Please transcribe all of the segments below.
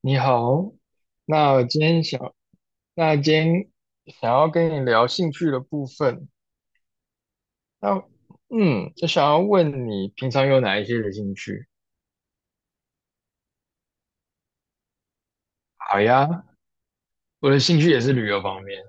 你好。那今天想，那今天想要跟你聊兴趣的部分。那就想要问你平常有哪一些的兴趣？好呀，我的兴趣也是旅游方面。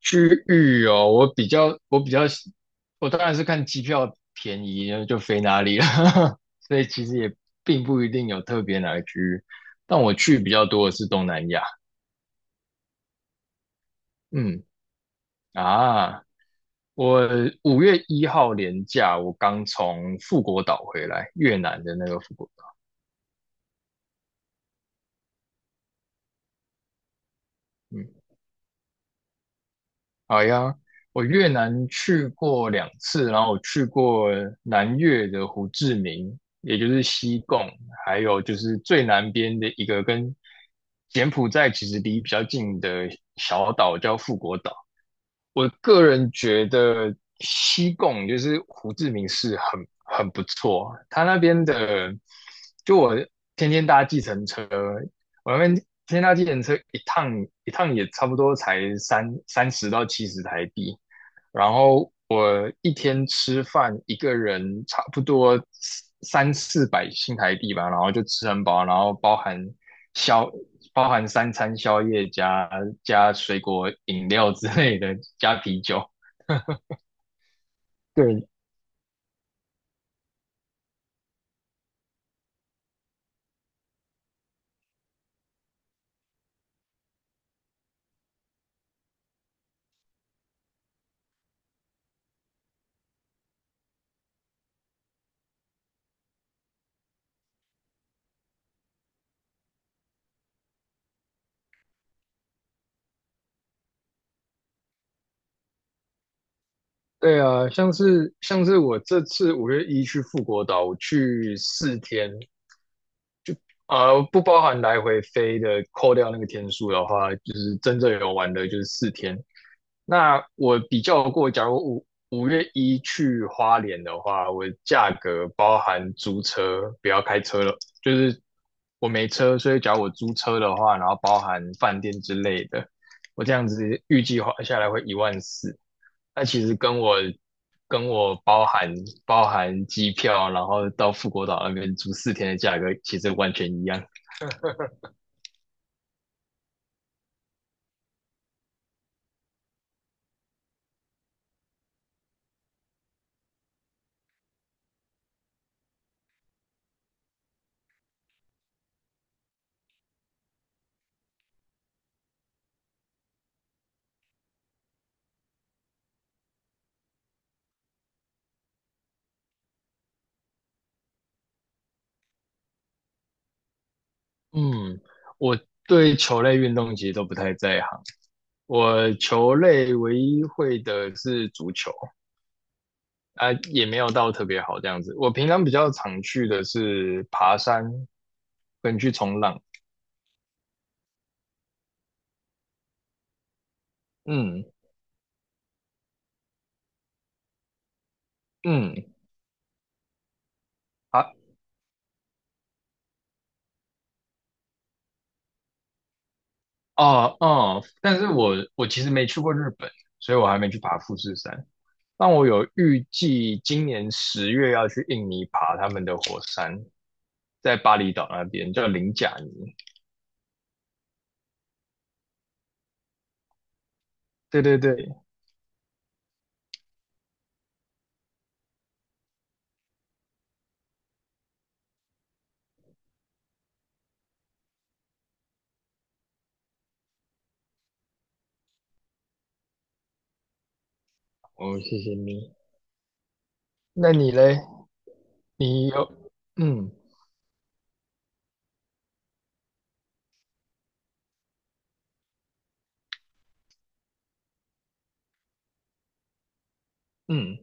去旅游，我比较，我比较喜，我当然是看机票便宜就飞哪里了，所以其实也并不一定有特别哪个区域，但我去比较多的是东南亚。嗯。啊，我5月1号连假，我刚从富国岛回来，越南的那个富国岛。嗯，好呀，我越南去过2次，然后我去过南越的胡志明，也就是西贡，还有就是最南边的一个跟柬埔寨其实离比较近的小岛叫富国岛。我个人觉得西贡就是胡志明市很不错。他那边的就我天天搭计程车，我那边天天搭计程车一趟，也差不多才三十到七十台币。然后我一天吃饭一个人差不多三四百新台币吧，然后就吃很饱，然后包含宵，包含三餐宵夜加水果饮料之类的，加啤酒。对对啊，像是我这次五月一去富国岛，我去四天，不包含来回飞的，扣掉那个天数的话，就是真正有玩的，就是四天。那我比较过，假如五月一去花莲的话，我价格包含租车，不要开车了，就是我没车，所以假如我租车的话，然后包含饭店之类的，我这样子预计花下来会1万4。那其实跟我包含机票，然后到富国岛那边住四天的价格，其实完全一样。嗯，我对球类运动其实都不太在行，我球类唯一会的是足球，啊，也没有到特别好这样子。我平常比较常去的是爬山跟去冲浪。嗯嗯。啊，哦哦，但是我其实没去过日本，所以我还没去爬富士山。但我有预计今年10月要去印尼爬他们的火山，在巴厘岛那边叫林贾尼。对对对。哦，谢谢你。那你嘞？你有嗯嗯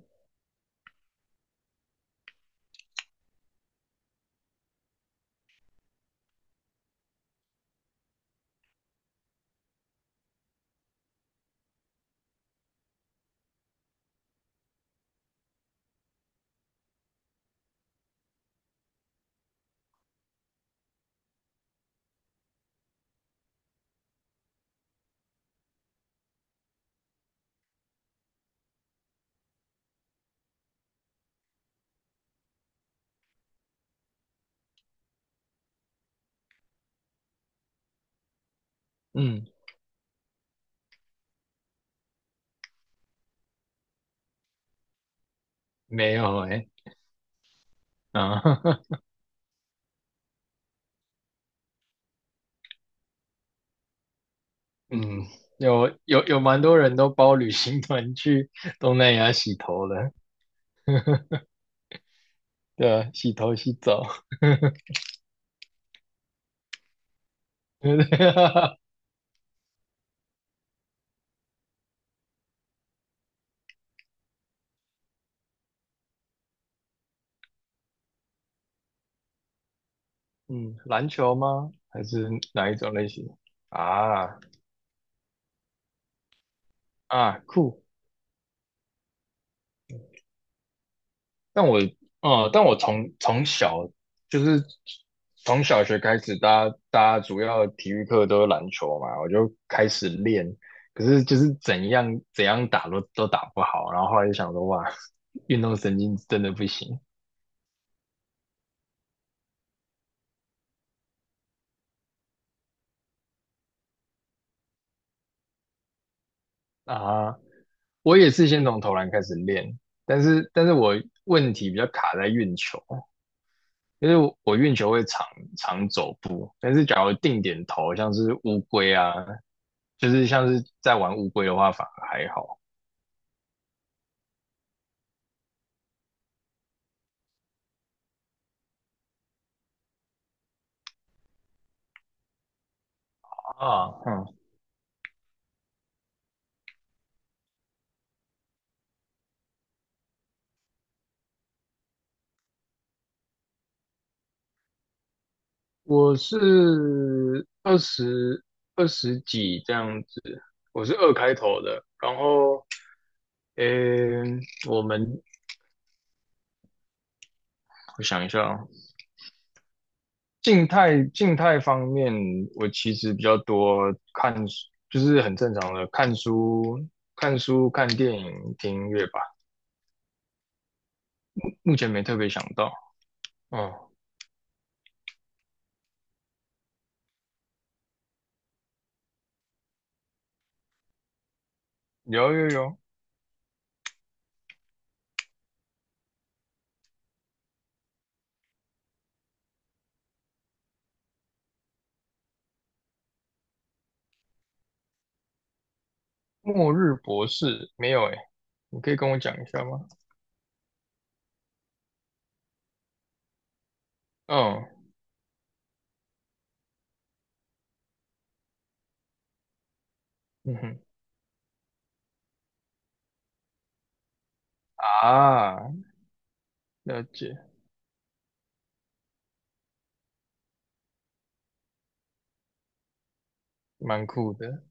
嗯。没有哎。啊，嗯，有有有，蛮多人都包旅行团去东南亚洗头了。对啊，洗头洗澡，对不对？嗯，篮球吗？还是哪一种类型？啊。啊，酷。但我，但我就是从小学开始，大家主要体育课都是篮球嘛，我就开始练。可是就是怎样怎样打都打不好，然后后来就想说，哇，运动神经真的不行啊！我也是先从投篮开始练，但是我问题比较卡在运球，因为我运球会常常走步，但是假如定点投，像是乌龟啊，就是像是在玩乌龟的话，反而还好啊。嗯，我是二十几这样子，我是二开头的。然后，嗯，我们我想一下啊，静态方面，我其实比较多看，就是很正常的看书、看电影、听音乐吧。目前没特别想到。嗯，有有有。末日博士没有诶，你可以跟我讲一下吗？嗯。嗯哼。啊，了解，蛮酷的。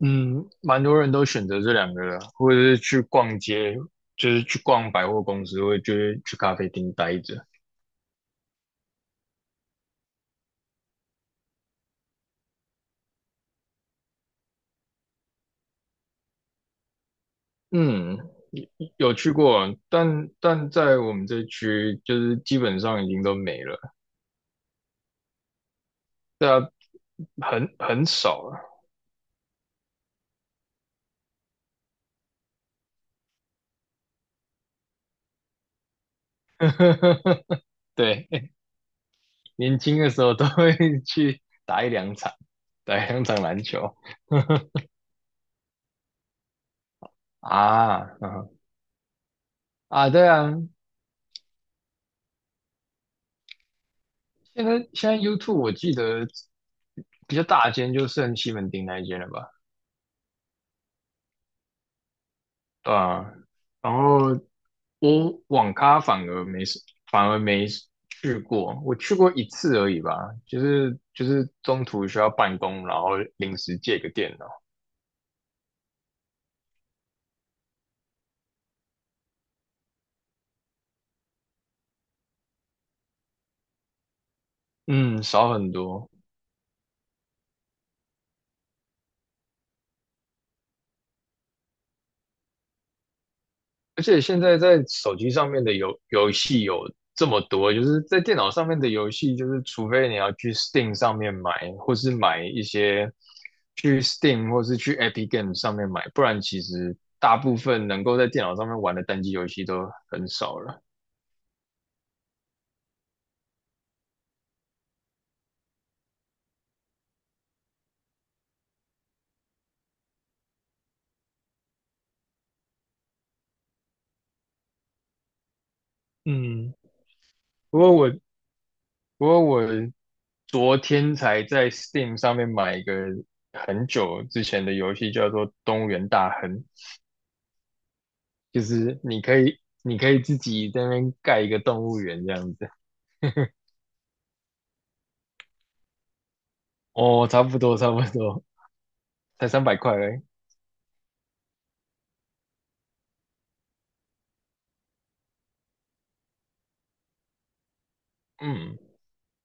嗯，蛮多人都选择这两个的，或者是去逛街，就是去逛百货公司，或者就是去咖啡厅待着。嗯，有去过，但在我们这区，就是基本上已经都没了。对啊，很少了。对，年轻的时候都会去打一两场。对，香港篮球。 啊。嗯。啊，对啊。现在 YouTube 我记得比较大间就剩西门町那一间了吧？对啊，然后我网咖反而没去过。我去过一次而已吧，就是中途需要办公，然后临时借个电脑。嗯，少很多。而且现在在手机上面的游戏有这么多，就是在电脑上面的游戏，就是除非你要去 Steam 上面买，或是买一些去 Steam 或是去 Epic Games 上面买，不然其实大部分能够在电脑上面玩的单机游戏都很少了。嗯，不过我不过我昨天才在 Steam 上面买一个很久之前的游戏，叫做《动物园大亨》。就是你可以自己在那边盖一个动物园这样子。哦，差不多差不多，才300块而已嗯。